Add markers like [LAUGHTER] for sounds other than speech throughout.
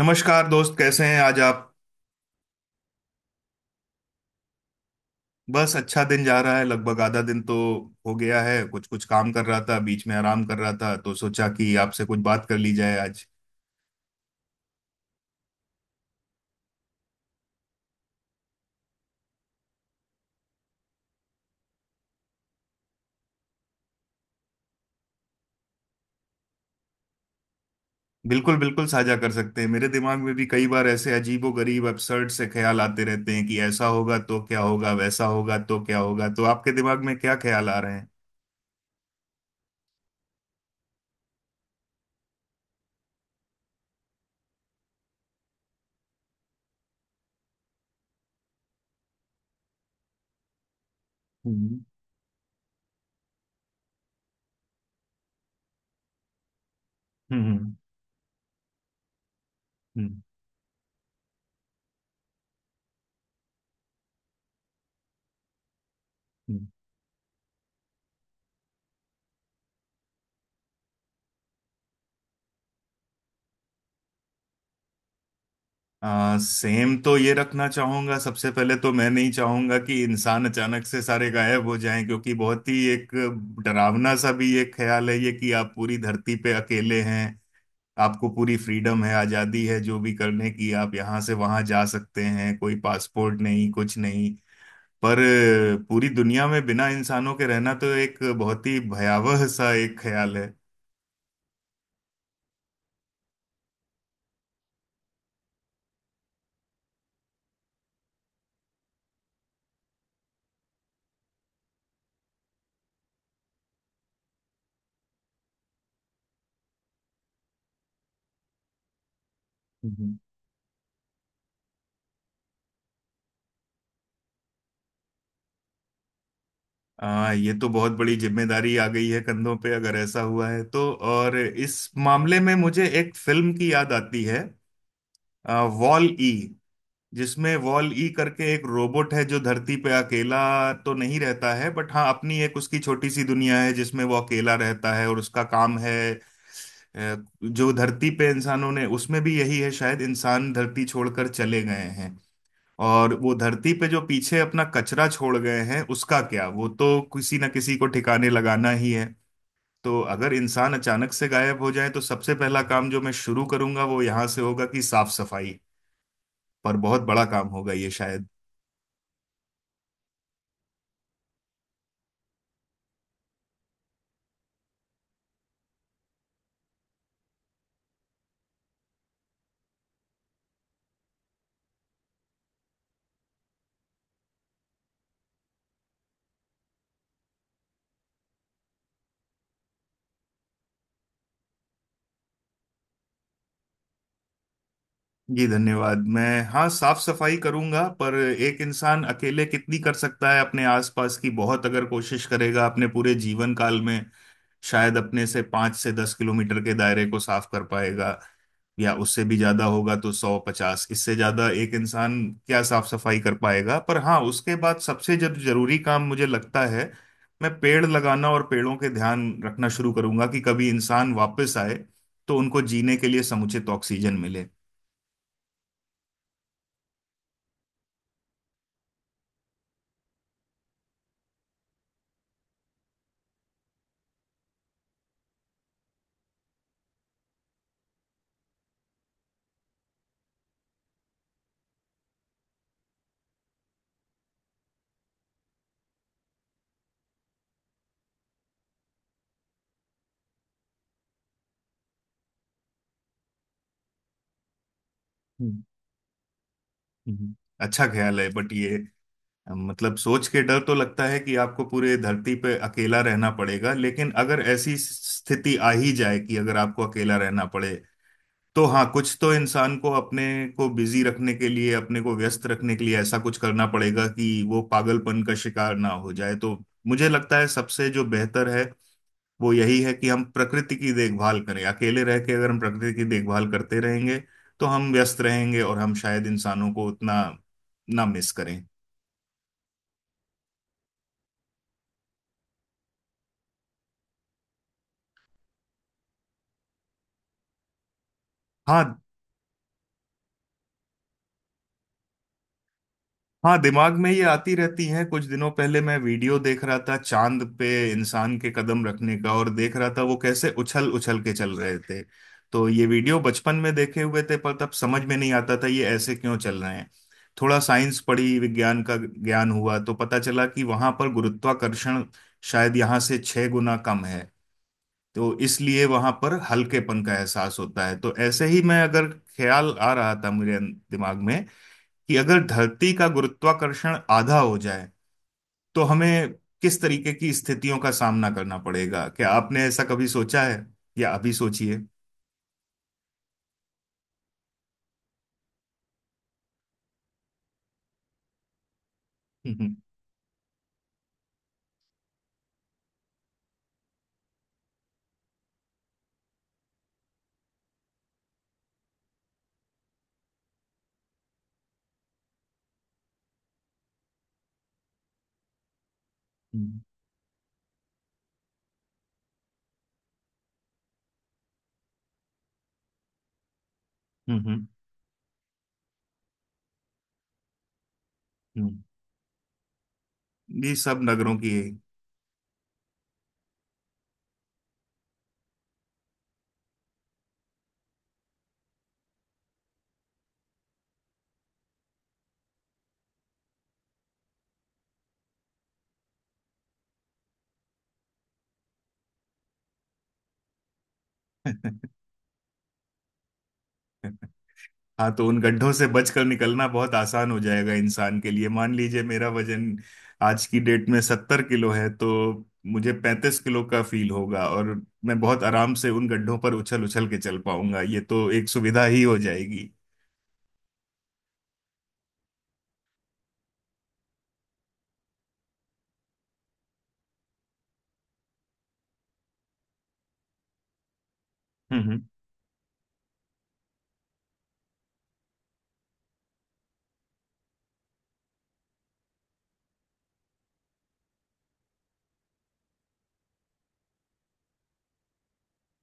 नमस्कार दोस्त, कैसे हैं आज आप? बस अच्छा दिन जा रहा है, लगभग आधा दिन तो हो गया है। कुछ कुछ काम कर रहा था, बीच में आराम कर रहा था, तो सोचा कि आपसे कुछ बात कर ली जाए आज। बिल्कुल बिल्कुल, साझा कर सकते हैं। मेरे दिमाग में भी कई बार ऐसे अजीबो गरीब अबसर्ड से ख्याल आते रहते हैं कि ऐसा होगा तो क्या होगा, वैसा होगा तो क्या होगा। तो आपके दिमाग में क्या ख्याल आ रहे हैं? हम्म। हम्म। हम्म। हम्म। सेम तो ये रखना चाहूंगा। सबसे पहले तो मैं नहीं चाहूंगा कि इंसान अचानक से सारे गायब हो जाएं, क्योंकि बहुत ही एक डरावना सा भी एक ख्याल है ये कि आप पूरी धरती पे अकेले हैं। आपको पूरी फ्रीडम है, आजादी है, जो भी करने की। आप यहाँ से वहां जा सकते हैं, कोई पासपोर्ट नहीं, कुछ नहीं। पर पूरी दुनिया में बिना इंसानों के रहना तो एक बहुत ही भयावह सा एक ख्याल है। ये तो बहुत बड़ी जिम्मेदारी आ गई है कंधों पे, अगर ऐसा हुआ है तो। और इस मामले में मुझे एक फिल्म की याद आती है, वॉल ई। जिसमें वॉल ई करके एक रोबोट है जो धरती पे अकेला तो नहीं रहता है, बट हाँ, अपनी एक उसकी छोटी सी दुनिया है जिसमें वो अकेला रहता है। और उसका काम है जो धरती पे इंसानों ने, उसमें भी यही है शायद, इंसान धरती छोड़कर चले गए हैं। और वो धरती पे जो पीछे अपना कचरा छोड़ गए हैं उसका क्या, वो तो किसी ना किसी को ठिकाने लगाना ही है। तो अगर इंसान अचानक से गायब हो जाए तो सबसे पहला काम जो मैं शुरू करूंगा वो यहाँ से होगा कि साफ सफाई। पर बहुत बड़ा काम होगा ये शायद। जी धन्यवाद। मैं, हाँ, साफ सफाई करूंगा, पर एक इंसान अकेले कितनी कर सकता है अपने आसपास की। बहुत अगर कोशिश करेगा अपने पूरे जीवन काल में, शायद अपने से 5 से 10 किलोमीटर के दायरे को साफ कर पाएगा। या उससे भी ज्यादा होगा तो सौ पचास, इससे ज्यादा एक इंसान क्या साफ सफाई कर पाएगा। पर हाँ, उसके बाद सबसे जरूरी काम, मुझे लगता है, मैं पेड़ लगाना और पेड़ों के ध्यान रखना शुरू करूंगा कि कभी इंसान वापस आए तो उनको जीने के लिए समुचित ऑक्सीजन मिले। हम्म। हम्म। अच्छा ख्याल है, बट ये, मतलब सोच के डर तो लगता है कि आपको पूरे धरती पे अकेला रहना पड़ेगा। लेकिन अगर ऐसी स्थिति आ ही जाए कि अगर आपको अकेला रहना पड़े, तो हाँ, कुछ तो इंसान को अपने को बिजी रखने के लिए, अपने को व्यस्त रखने के लिए ऐसा कुछ करना पड़ेगा कि वो पागलपन का शिकार ना हो जाए। तो मुझे लगता है सबसे जो बेहतर है वो यही है कि हम प्रकृति की देखभाल करें। अकेले रह के अगर हम प्रकृति की देखभाल करते रहेंगे तो हम व्यस्त रहेंगे और हम शायद इंसानों को उतना ना मिस करें। हाँ। हाँ, दिमाग में ये आती रहती है। कुछ दिनों पहले मैं वीडियो देख रहा था चांद पे इंसान के कदम रखने का, और देख रहा था वो कैसे उछल उछल के चल रहे थे। तो ये वीडियो बचपन में देखे हुए थे पर तब समझ में नहीं आता था ये ऐसे क्यों चल रहे हैं। थोड़ा साइंस पढ़ी, विज्ञान का ज्ञान हुआ तो पता चला कि वहां पर गुरुत्वाकर्षण शायद यहाँ से 6 गुना कम है। तो इसलिए वहां पर हल्केपन का एहसास होता है। तो ऐसे ही मैं, अगर ख्याल आ रहा था मेरे दिमाग में कि अगर धरती का गुरुत्वाकर्षण आधा हो जाए तो हमें किस तरीके की स्थितियों का सामना करना पड़ेगा? क्या आपने ऐसा कभी सोचा है? या अभी सोचिए। हम्म। हम्म। हम्म। हम्म। हम्म। ये सब नगरों की है। [LAUGHS] हाँ, तो उन गड्ढों से बचकर निकलना बहुत आसान हो जाएगा इंसान के लिए। मान लीजिए मेरा वजन आज की डेट में 70 किलो है, तो मुझे 35 किलो का फील होगा और मैं बहुत आराम से उन गड्ढों पर उछल उछल के चल पाऊंगा। ये तो एक सुविधा ही हो जाएगी। हम्म। हम्म।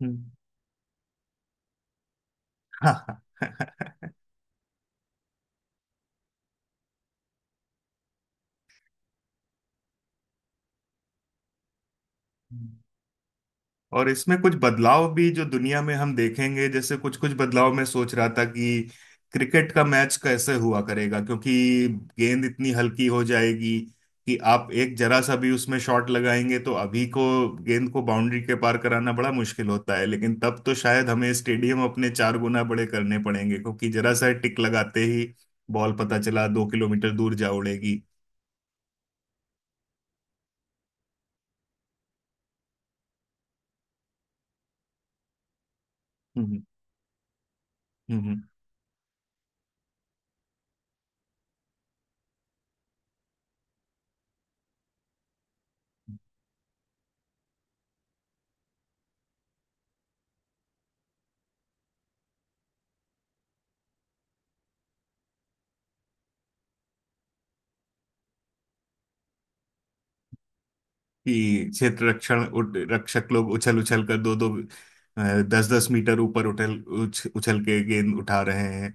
हम्म। हाँ हाँ। हम्म। और इसमें कुछ बदलाव भी जो दुनिया में हम देखेंगे, जैसे कुछ कुछ बदलाव मैं सोच रहा था कि क्रिकेट का मैच कैसे हुआ करेगा, क्योंकि गेंद इतनी हल्की हो जाएगी कि आप एक जरा सा भी उसमें शॉट लगाएंगे। तो अभी को गेंद को बाउंड्री के पार कराना बड़ा मुश्किल होता है, लेकिन तब तो शायद हमें स्टेडियम अपने 4 गुना बड़े करने पड़ेंगे, क्योंकि जरा सा टिक लगाते ही बॉल पता चला 2 किलोमीटर दूर जा उड़ेगी। हम्म। हम्म। कि क्षेत्र रक्षण रक्षक लोग उछल उछल कर दो दो, दस दस मीटर ऊपर उछल के गेंद उठा रहे हैं।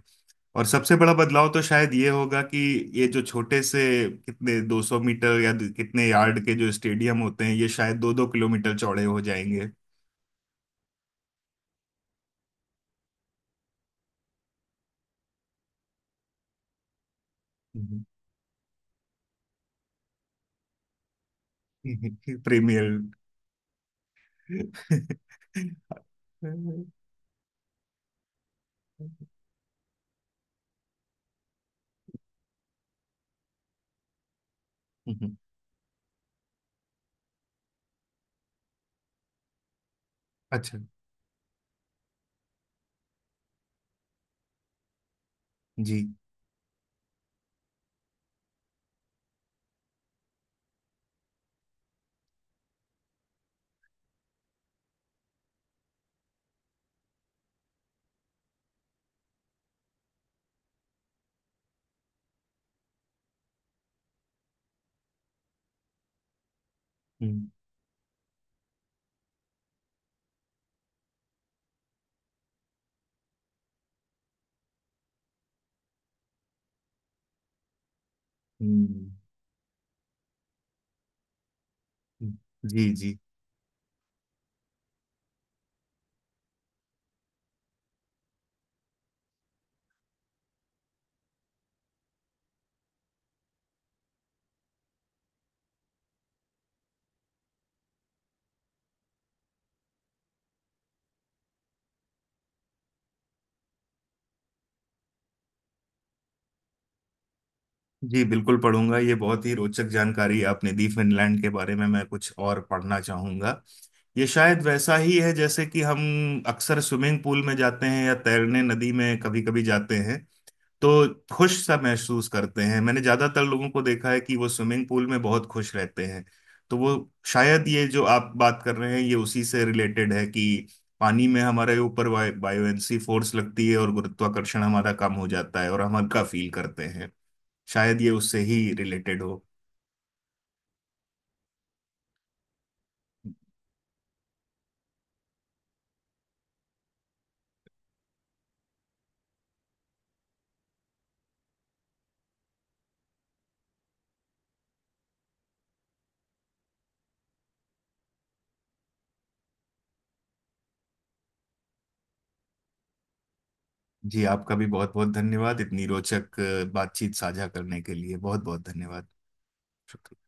और सबसे बड़ा बदलाव तो शायद ये होगा कि ये जो छोटे से कितने 200 मीटर या कितने यार्ड के जो स्टेडियम होते हैं, ये शायद दो दो किलोमीटर चौड़े हो जाएंगे। हम्म। [LAUGHS] प्रीमियर। [LAUGHS] अच्छा। जी। हम्म। हम्म। जी। जी। जी बिल्कुल पढ़ूंगा। ये बहुत ही रोचक जानकारी आपने दी फिनलैंड के बारे में। मैं कुछ और पढ़ना चाहूंगा। ये शायद वैसा ही है जैसे कि हम अक्सर स्विमिंग पूल में जाते हैं या तैरने नदी में कभी कभी जाते हैं तो खुश सा महसूस करते हैं। मैंने ज्यादातर लोगों को देखा है कि वो स्विमिंग पूल में बहुत खुश रहते हैं। तो वो, शायद ये जो आप बात कर रहे हैं ये उसी से रिलेटेड है कि पानी में हमारे ऊपर बायोएंसी फोर्स लगती है और गुरुत्वाकर्षण हमारा कम हो जाता है और हम हल्का फील करते हैं। शायद ये उससे ही रिलेटेड हो। जी आपका भी बहुत बहुत धन्यवाद। इतनी रोचक बातचीत साझा करने के लिए बहुत बहुत धन्यवाद। शुक्रिया।